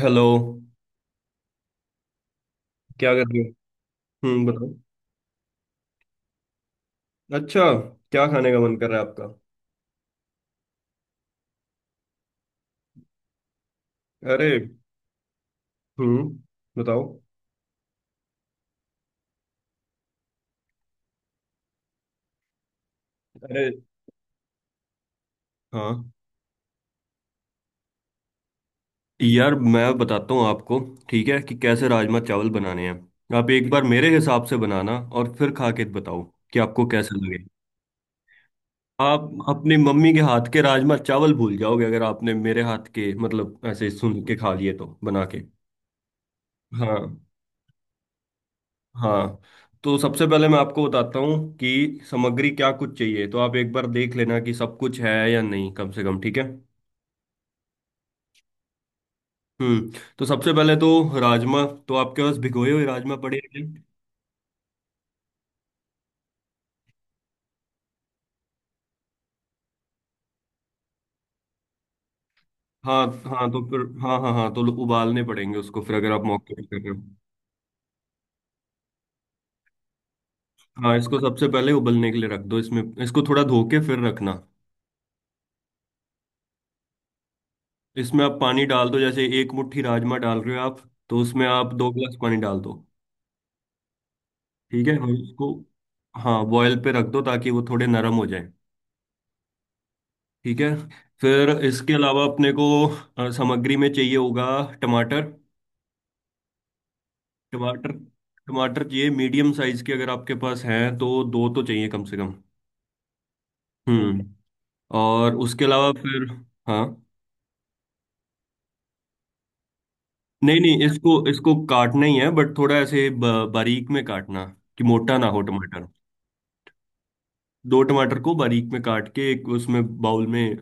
Hello. क्या कर रहे हो? बताओ। अच्छा, क्या खाने का मन कर रहा है आपका? अरे। हम्म बताओ। अरे। हाँ, यार मैं बताता हूँ आपको, ठीक है, कि कैसे राजमा चावल बनाने हैं। आप एक बार मेरे हिसाब से बनाना और फिर खा के बताओ कि आपको कैसे लगे। आप अपनी मम्मी के हाथ के राजमा चावल भूल जाओगे अगर आपने मेरे हाथ के, मतलब ऐसे सुन के खा लिए तो, बना के। हाँ। हाँ, तो सबसे पहले मैं आपको बताता हूँ कि सामग्री क्या कुछ चाहिए, तो आप एक बार देख लेना कि सब कुछ है या नहीं कम से कम, ठीक है? हम्म तो सबसे पहले तो राजमा, तो आपके पास भिगोए हुए राजमा पड़े हैं क्या? हाँ। हाँ तो फिर, हाँ हाँ हाँ, तो उबालने पड़ेंगे उसको फिर, अगर आप मौके पे कर रहे हो। हाँ, इसको सबसे पहले उबलने के लिए रख दो। इसमें इसको थोड़ा धो के फिर रखना। इसमें आप पानी डाल दो। जैसे 1 मुट्ठी राजमा डाल रहे हो आप, तो उसमें आप 2 गिलास पानी डाल दो। ठीक है। और उसको, हाँ, बॉयल पे रख दो ताकि वो थोड़े नरम हो जाए। ठीक है। फिर इसके अलावा अपने को सामग्री में चाहिए होगा टमाटर। टमाटर, टमाटर चाहिए मीडियम साइज के। अगर आपके पास हैं तो दो तो चाहिए कम से कम। हम्म और उसके अलावा फिर, हाँ, नहीं नहीं, इसको इसको काटना ही है। बट थोड़ा ऐसे बारीक में काटना, कि मोटा ना हो टमाटर। दो टमाटर को बारीक में काट के एक उसमें बाउल में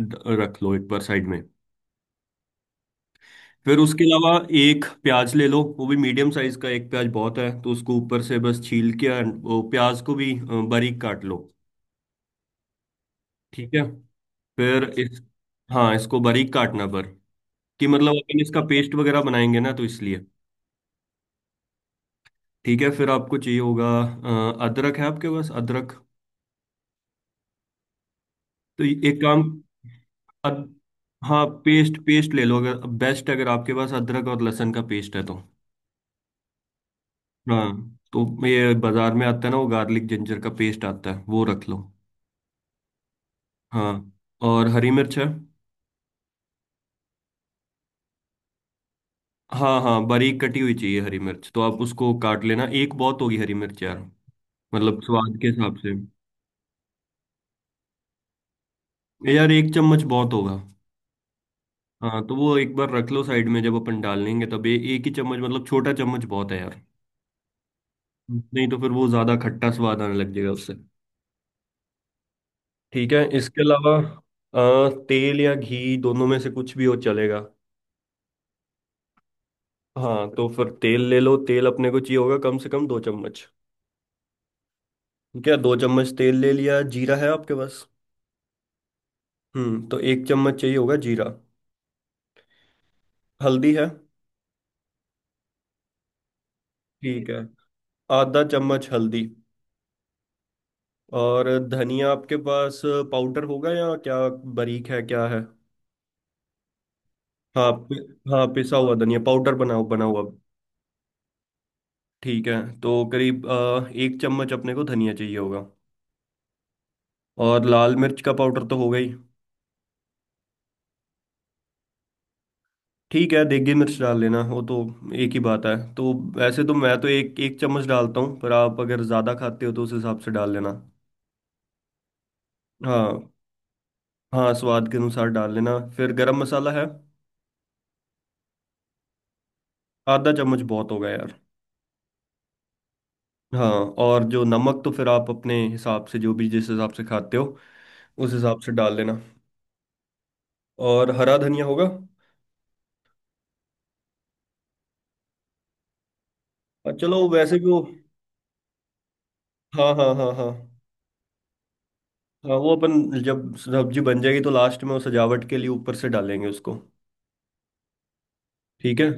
रख लो एक बार साइड में। फिर उसके अलावा एक प्याज ले लो। वो भी मीडियम साइज का, एक प्याज बहुत है। तो उसको ऊपर से बस छील के and वो प्याज को भी बारीक काट लो। ठीक है, फिर इस, हाँ, इसको बारीक काटना, पर कि मतलब अपन इसका पेस्ट वगैरह बनाएंगे ना, तो इसलिए। ठीक है, फिर आपको चाहिए होगा अदरक। है आपके पास अदरक? तो ये- एक काम। अद, हाँ, पेस्ट, पेस्ट ले लो। अगर, बेस्ट, अगर आपके पास अदरक और लहसुन का पेस्ट है तो। हाँ, तो ये बाजार में आता है ना, वो गार्लिक जिंजर का पेस्ट आता है, वो रख लो। हाँ, और हरी मिर्च है? हाँ हाँ, बारीक कटी हुई चाहिए हरी मिर्च। तो आप उसको काट लेना। एक बहुत होगी हरी मिर्च यार, मतलब स्वाद के हिसाब से। यार 1 चम्मच बहुत होगा। हाँ, तो वो एक बार रख लो साइड में। जब अपन डाल लेंगे तब, एक ही चम्मच, मतलब छोटा चम्मच बहुत है यार। नहीं तो फिर वो ज्यादा खट्टा स्वाद आने लग जाएगा उससे। ठीक है, इसके अलावा तेल या घी, दोनों में से कुछ भी हो चलेगा। हाँ, तो फिर तेल ले लो। तेल अपने को चाहिए होगा कम से कम 2 चम्मच। ठीक है, 2 चम्मच तेल ले लिया। जीरा है आपके पास? तो 1 चम्मच चाहिए होगा जीरा। हल्दी है? ठीक है, आधा चम्मच हल्दी। और धनिया आपके पास पाउडर होगा या क्या? बारीक है, क्या है? हाँ हाँ, पिसा हुआ धनिया पाउडर, बनाओ, बना हुआ। ठीक है, तो करीब 1 चम्मच अपने को धनिया चाहिए होगा। और लाल मिर्च का पाउडर तो होगा ही। ठीक है, देगी मिर्च डाल लेना वो तो, एक ही बात है। तो वैसे तो मैं तो एक एक चम्मच डालता हूँ, पर आप अगर ज़्यादा खाते हो तो उस हिसाब से डाल लेना। हाँ, हाँ, स्वाद के अनुसार डाल लेना। फिर गरम मसाला है? आधा चम्मच बहुत होगा यार। हाँ, और जो नमक, तो फिर आप अपने हिसाब से, जो भी जिस हिसाब से खाते हो उस हिसाब से डाल लेना। और हरा धनिया होगा? और चलो वैसे भी वो, हाँ हाँ हाँ हाँ। हाँ वो अपन जब सब्जी बन जाएगी तो लास्ट में वो सजावट के लिए ऊपर से डालेंगे उसको। ठीक है।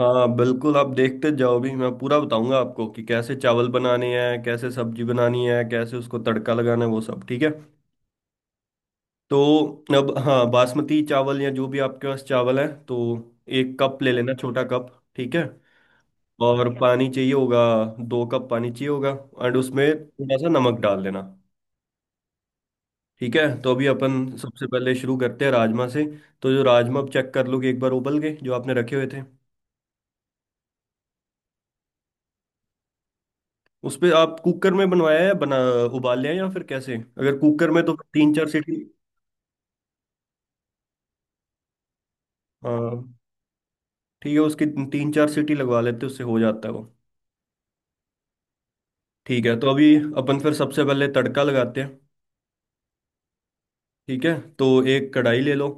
हाँ बिल्कुल, आप देखते जाओ भी, मैं पूरा बताऊंगा आपको कि कैसे चावल बनाने हैं, कैसे सब्जी बनानी है, कैसे उसको तड़का लगाना है, वो सब, ठीक है। तो अब, हाँ, बासमती चावल या जो भी आपके पास चावल है, तो 1 कप ले लेना, छोटा कप। ठीक है, और ठीक है पानी चाहिए होगा। 2 कप पानी चाहिए होगा। एंड उसमें थोड़ा सा नमक डाल देना। ठीक है, तो अभी अपन सबसे पहले शुरू करते हैं राजमा से। तो जो राजमा, आप चेक कर लो कि एक बार उबल गए जो आपने रखे हुए थे। उस पे आप कुकर में बनवाया है, बना, उबाल लिया है या फिर कैसे? अगर कुकर में, तो 3-4 सीटी। हाँ ठीक है, उसकी 3-4 सीटी लगवा लेते हैं, उससे हो जाता है वो। ठीक है, तो अभी अपन फिर सबसे पहले तड़का लगाते हैं। ठीक है, तो एक कढ़ाई ले लो।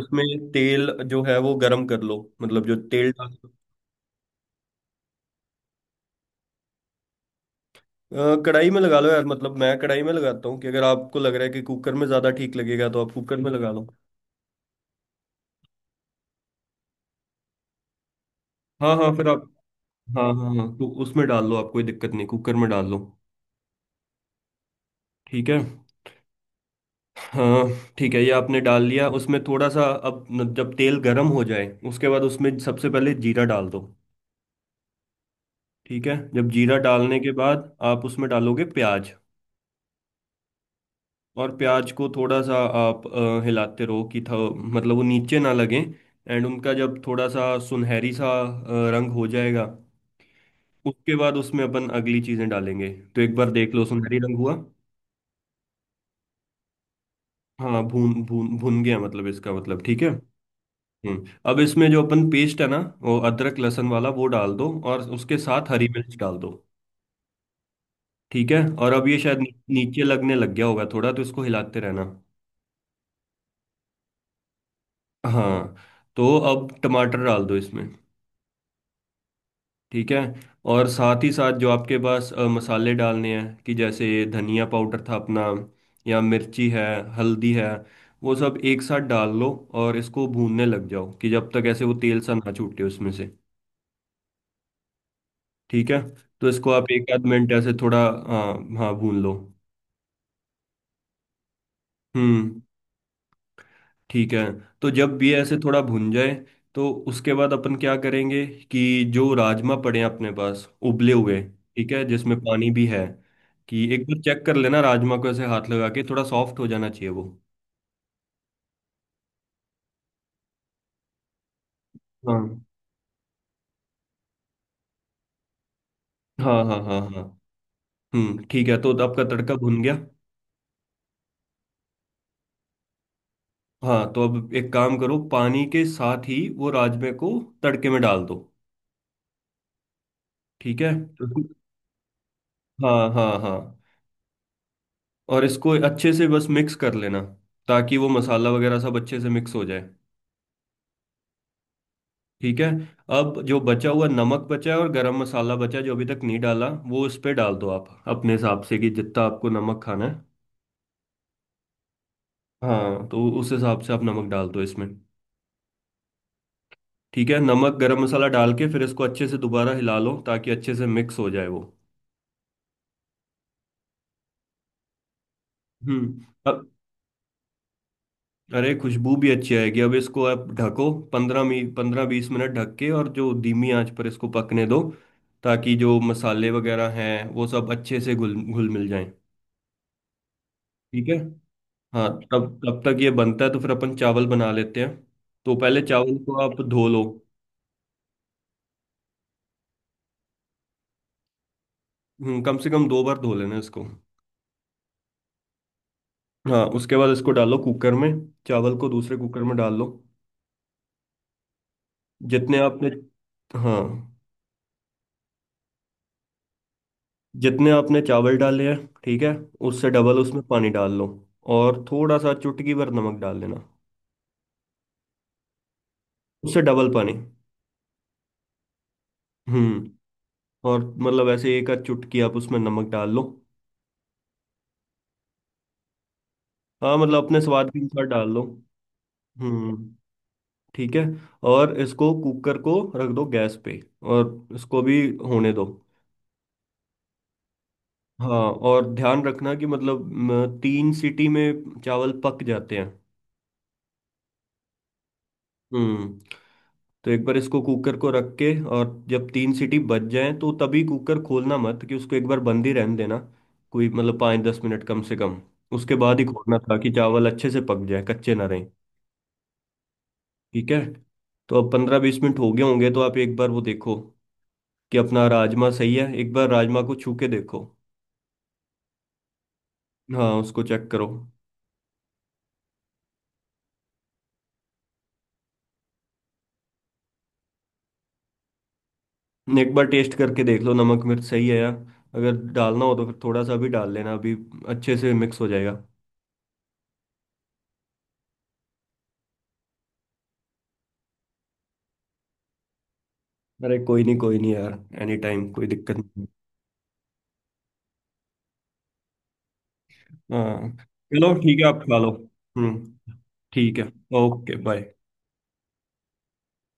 उसमें तेल जो है वो गरम कर लो, मतलब जो तेल डाल, कढ़ाई में लगा लो यार। मतलब मैं कढ़ाई में लगाता हूँ, कि अगर आपको लग रहा है कि कुकर में ज़्यादा ठीक लगेगा तो आप कुकर में लगा लो। हाँ हाँ, फिर आप, हाँ हाँ हाँ, तो उसमें डाल लो आप, कोई दिक्कत नहीं, कुकर में डाल लो। ठीक है। हाँ ठीक है, ये आपने डाल लिया उसमें थोड़ा सा। अब जब तेल गर्म हो जाए उसके बाद उसमें सबसे पहले जीरा डाल दो। ठीक है, जब जीरा डालने के बाद आप उसमें डालोगे प्याज। और प्याज को थोड़ा सा आप हिलाते रहो कि था, मतलब वो नीचे ना लगे। एंड उनका जब थोड़ा सा सुनहरी सा रंग हो जाएगा उसके बाद उसमें अपन अगली चीजें डालेंगे। तो एक बार देख लो, सुनहरी रंग हुआ। हाँ, भून भून भून गया मतलब, इसका मतलब ठीक है। अब इसमें जो अपन पेस्ट है ना, वो अदरक लहसुन वाला, वो डाल दो और उसके साथ हरी मिर्च डाल दो। ठीक है। और अब ये शायद नीचे लगने लग गया होगा थोड़ा, तो इसको हिलाते रहना। हाँ, तो अब टमाटर डाल दो इसमें। ठीक है, और साथ ही साथ जो आपके पास मसाले डालने हैं, कि जैसे धनिया पाउडर था अपना, या मिर्ची है, हल्दी है, वो सब एक साथ डाल लो। और इसको भूनने लग जाओ कि जब तक ऐसे वो तेल सा ना छूटे उसमें से। ठीक है, तो इसको आप एक आध मिनट ऐसे थोड़ा, हाँ, हाँ भून लो। हम्म ठीक है, तो जब ये ऐसे थोड़ा भुन जाए तो उसके बाद अपन क्या करेंगे, कि जो राजमा पड़े हैं अपने पास उबले हुए, ठीक है, जिसमें पानी भी है, कि एक बार चेक कर लेना राजमा को। ऐसे हाथ लगा के थोड़ा सॉफ्ट हो जाना चाहिए वो। हाँ हाँ हाँ हाँ हाँ। ठीक है, तो आपका तड़का भुन गया। हाँ तो अब एक काम करो, पानी के साथ ही वो राजमे को तड़के में डाल दो। ठीक है तो- हाँ हाँ हाँ। और इसको अच्छे से बस मिक्स कर लेना, ताकि वो मसाला वगैरह सब अच्छे से मिक्स हो जाए। ठीक है। अब जो बचा हुआ नमक बचा है और गरम मसाला बचा है जो अभी तक नहीं डाला, वो उस पे डाल दो आप, अपने हिसाब से, कि जितना आपको नमक खाना है। हाँ, तो उस हिसाब से आप नमक डाल दो इसमें। ठीक है, नमक गरम मसाला डाल के फिर इसको अच्छे से दोबारा हिला लो ताकि अच्छे से मिक्स हो जाए वो। हम्म अब, अरे खुशबू भी अच्छी आएगी। अब इसको आप ढको पंद्रह मी 15-20 मिनट ढक के, और जो धीमी आंच पर इसको पकने दो, ताकि जो मसाले वगैरह हैं वो सब अच्छे से घुल घुल मिल जाएं। ठीक है। हाँ, तब तब तक ये बनता है तो फिर अपन चावल बना लेते हैं। तो पहले चावल को आप धो लो। कम से कम 2 बार धो लेना इसको। हाँ, उसके बाद इसको डालो कुकर में। चावल को दूसरे कुकर में डाल लो। जितने आपने, हाँ जितने आपने चावल डाले हैं, ठीक है, उससे डबल उसमें पानी डाल लो। और थोड़ा सा चुटकी भर नमक डाल देना। उससे डबल पानी। हम्म और मतलब ऐसे एक आध चुटकी आप उसमें नमक डाल लो। हाँ, मतलब अपने स्वाद के अनुसार डाल लो। हम्म ठीक है। और इसको कुकर को रख दो गैस पे, और इसको भी होने दो। हाँ, और ध्यान रखना कि मतलब, 3 सीटी में चावल पक जाते हैं। हम्म तो एक बार इसको कुकर को रख के, और जब 3 सीटी बज जाएं तो तभी कुकर खोलना मत, कि उसको एक बार बंद ही रहने देना, कोई मतलब 5-10 मिनट कम से कम। उसके बाद ही खोलना था, कि चावल अच्छे से पक जाए, कच्चे ना रहें। ठीक है, तो अब 15-20 मिनट हो गए होंगे तो आप एक बार वो देखो कि अपना राजमा सही है। एक बार राजमा को छू के देखो। हाँ, उसको चेक करो। एक बार टेस्ट करके देख लो नमक मिर्च सही है, या अगर डालना हो तो फिर थोड़ा सा भी डाल लेना अभी। अच्छे से मिक्स हो जाएगा। अरे कोई नहीं, कोई नहीं यार, एनी टाइम, कोई दिक्कत नहीं। हाँ, चलो ठीक है, आप खा लो। हम्म ठीक है। Okay bye.